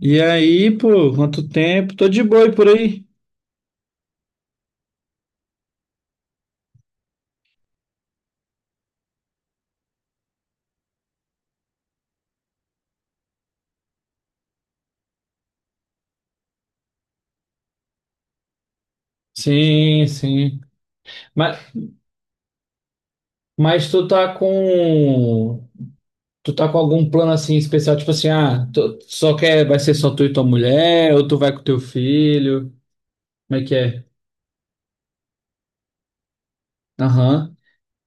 E aí, pô, quanto tempo? Tô de boi por aí. Sim, sim. Mas, mas tu tá com. Tu tá com algum plano assim especial? Tipo assim, ah, tu só quer. Vai ser só tu e tua mulher? Ou tu vai com teu filho? Como é que é? Aham.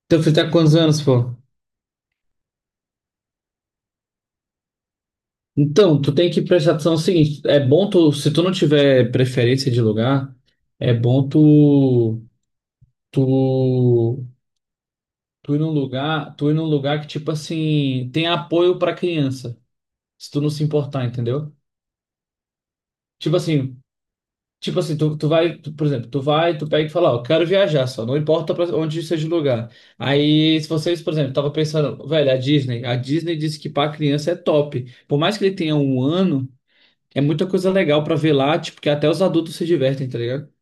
Teu filho tá com quantos anos, pô? Então, tu tem que prestar atenção no seguinte: é bom tu. Se tu não tiver preferência de lugar, é bom tu. Tu. Tu ir num lugar. Tu ir num lugar que, tipo assim, tem apoio pra criança. Se tu não se importar, entendeu? Tipo assim, tipo assim, tu vai, por exemplo, tu vai, tu pega e fala, ó, eu quero viajar só, não importa pra onde seja o lugar. Aí, se vocês, por exemplo, tava pensando, velho, a Disney disse que pra criança é top. Por mais que ele tenha um ano, é muita coisa legal pra ver lá, tipo, que até os adultos se divertem, tá ligado?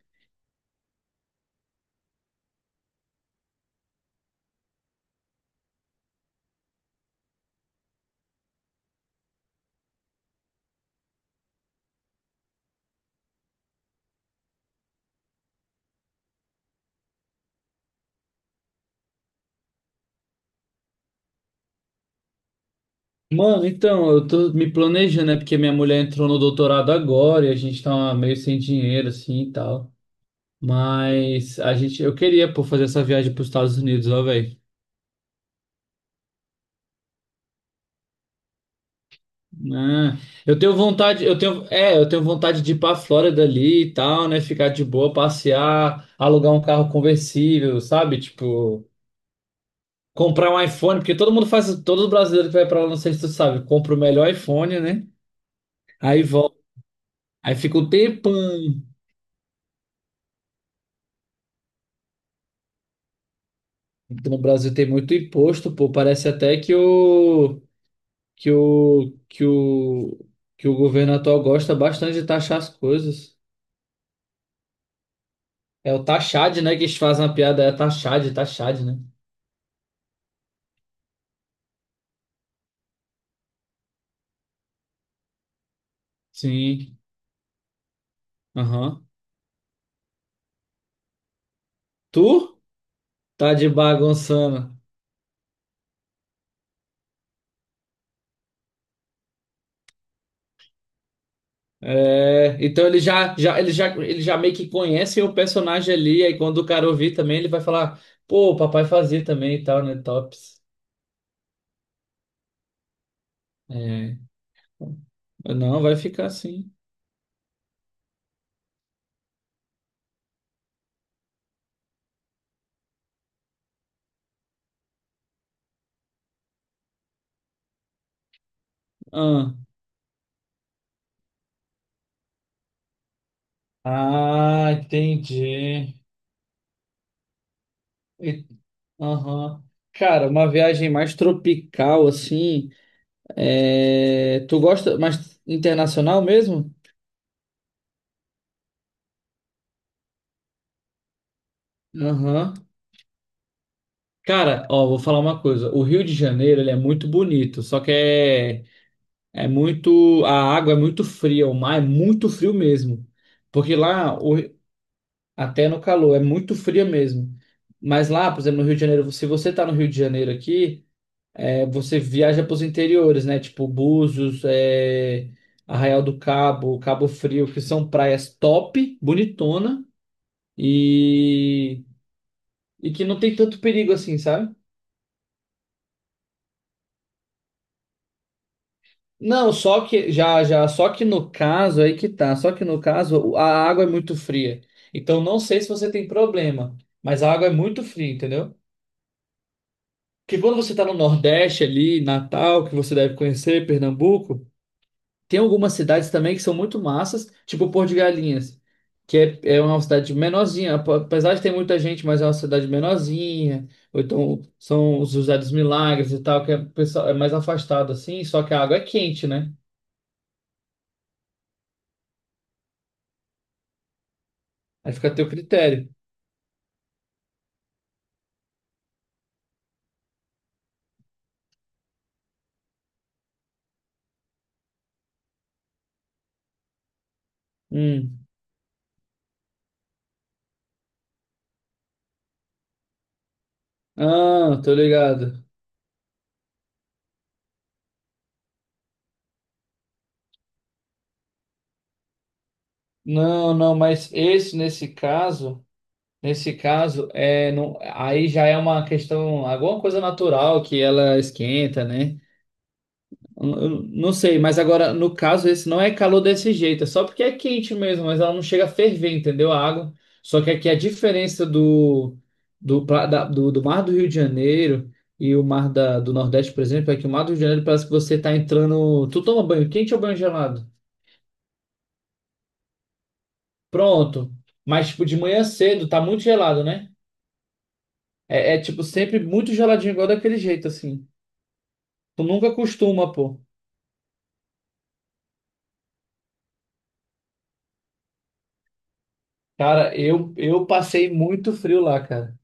Mano, então, eu tô me planejando, né? Porque minha mulher entrou no doutorado agora e a gente tá meio sem dinheiro, assim, e tal. Mas a gente, eu queria, pô, fazer essa viagem pros Estados Unidos, ó, velho. Ah, eu tenho vontade, eu tenho, é, eu tenho vontade de ir pra Flórida ali e tal, né? Ficar de boa, passear, alugar um carro conversível, sabe? Tipo, comprar um iPhone, porque todo mundo faz, todo brasileiro que vai pra lá, não sei se tu sabe, compra o melhor iPhone, né? Aí volta, aí fica um tempão. Então, no Brasil tem muito imposto, pô, parece até que que o que o o governo atual gosta bastante de taxar as coisas. É o taxade, né, que eles fazem a piada, é taxade, taxade, né? Sim. Aham. Tu tá de bagunçando. É, então ele já, já, ele já, ele já meio que conhece o personagem ali, aí quando o cara ouvir também, ele vai falar, pô, o papai fazia também e tal, né? Tops. É. Não, vai ficar assim. Ah, ah, entendi. E- Aham. Cara, uma viagem mais tropical, assim. É, tu gosta mais internacional mesmo? Aham. Cara, ó, vou falar uma coisa. O Rio de Janeiro, ele é muito bonito, só que é, é muito, a água é muito fria, o mar é muito frio mesmo. Porque lá, até no calor, é muito fria mesmo. Mas lá, por exemplo, no Rio de Janeiro, se você tá no Rio de Janeiro aqui, é, você viaja para os interiores, né? Tipo Búzios, é, Arraial do Cabo, Cabo Frio, que são praias top, bonitona e, e que não tem tanto perigo assim, sabe? Não, só que já, já, só que no caso aí que tá, só que no caso a água é muito fria. Então não sei se você tem problema, mas a água é muito fria, entendeu? Que quando você tá no Nordeste ali, Natal, que você deve conhecer, Pernambuco, tem algumas cidades também que são muito massas, tipo Porto de Galinhas, que é, é uma cidade menorzinha, apesar de ter muita gente, mas é uma cidade menorzinha. Ou então são os José dos Milagres e tal, que é, pessoal- é mais afastado assim, só que a água é quente, né? Aí fica a teu critério. Hum. Ah, tô ligado. Não, mas nesse caso é não, aí já é uma questão, alguma coisa natural que ela esquenta, né? Eu não sei, mas agora no caso esse não é calor desse jeito, é só porque é quente mesmo, mas ela não chega a ferver, entendeu? A água. Só que aqui a diferença do, do mar do Rio de Janeiro e o mar da, do Nordeste, por exemplo, é que o mar do Rio de Janeiro parece que você tá entrando, tu toma banho quente ou banho gelado? Pronto. Mas, tipo, de manhã cedo, tá muito gelado, né? É, tipo, sempre muito geladinho, igual daquele jeito, assim. Tu nunca costuma, pô. Cara, eu passei muito frio lá, cara.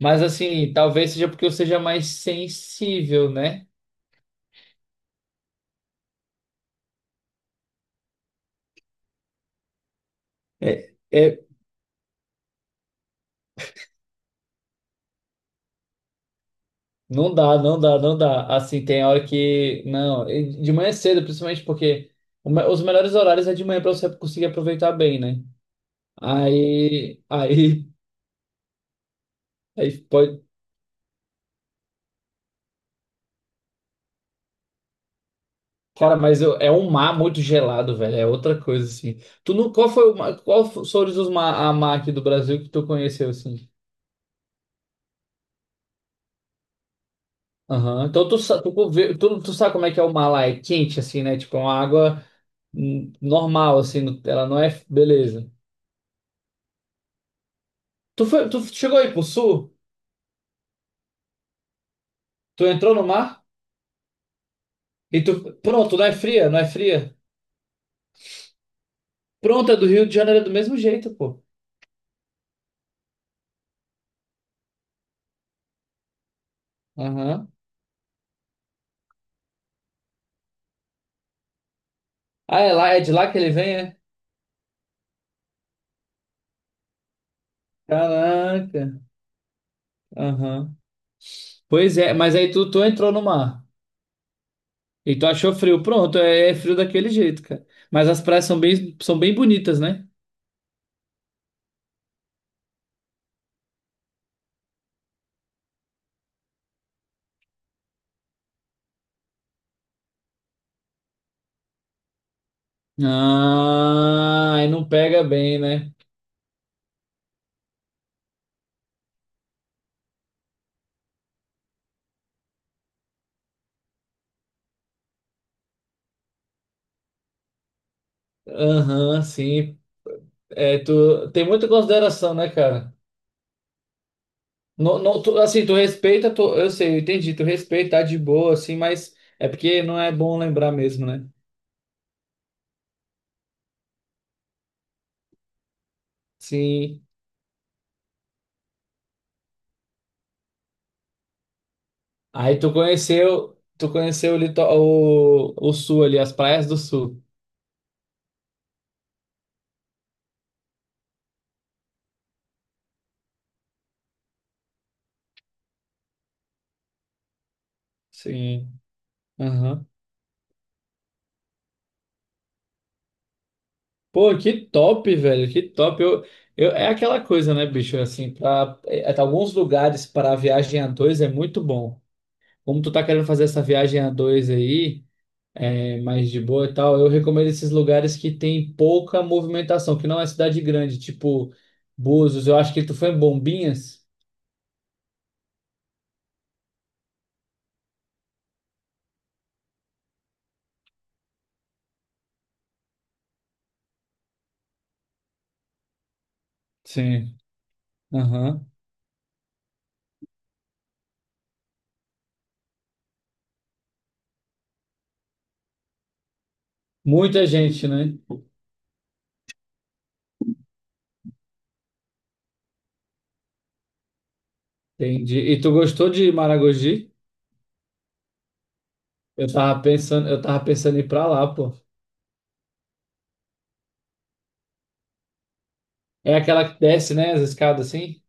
Mas, assim, talvez seja porque eu seja mais sensível, né? É, é, não dá. Assim, tem hora que. Não, e de manhã cedo, principalmente porque os melhores horários é de manhã pra você conseguir aproveitar bem, né? Aí, aí pode. Cara, é um mar muito gelado, velho. É outra coisa, assim. Tu não, qual foram os mar, a mar aqui do Brasil que tu conheceu, assim? Aham. Então tu, sa- tu, conve- tu, tu sabe como é que é o mar lá? É quente, assim, né? Tipo, é uma água normal, assim. Ela não é... Beleza. Tu, foi, tu chegou aí pro sul? Tu entrou no mar? E tu... Pronto, não é fria? Pronto, é do Rio de Janeiro, é do mesmo jeito, pô. Aham. Ah, é lá, é de lá que ele vem, é? Caraca. Aham. Pois é, mas aí tu entrou no mar. E tu achou frio? Pronto, é, é frio daquele jeito, cara. Mas as praias são bem bonitas, né? Ah, aí não pega bem, né? Aham, sim. É, tu tem muita consideração, né, cara? Não, assim, tu respeita, eu sei, eu entendi, tu respeita, tá de boa, assim, mas é porque não é bom lembrar mesmo, né? Sim. Aí tu conheceu o, o sul ali, as praias do sul. Sim. Aham. Pô, que top, velho, que top. Eu, é aquela coisa, né, bicho? Assim, pra, é, tá, alguns lugares para viagem a dois é muito bom. Como tu tá querendo fazer essa viagem a dois aí, é, mais de boa e tal, eu recomendo esses lugares que tem pouca movimentação, que não é cidade grande, tipo Búzios. Eu acho que tu foi em Bombinhas. Sim. Aham. Muita gente, né? Entendi. E tu gostou de Maragogi? Eu tava pensando em ir pra lá, pô. É aquela que desce, né, as escadas assim?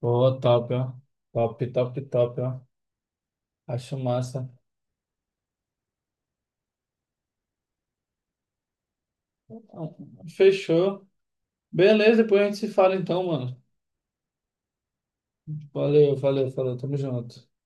Pô, top, ó. Top, top, top, ó. Acho massa. Fechou. Beleza, depois a gente se fala então, mano. Valeu, valeu, falou. Tamo junto.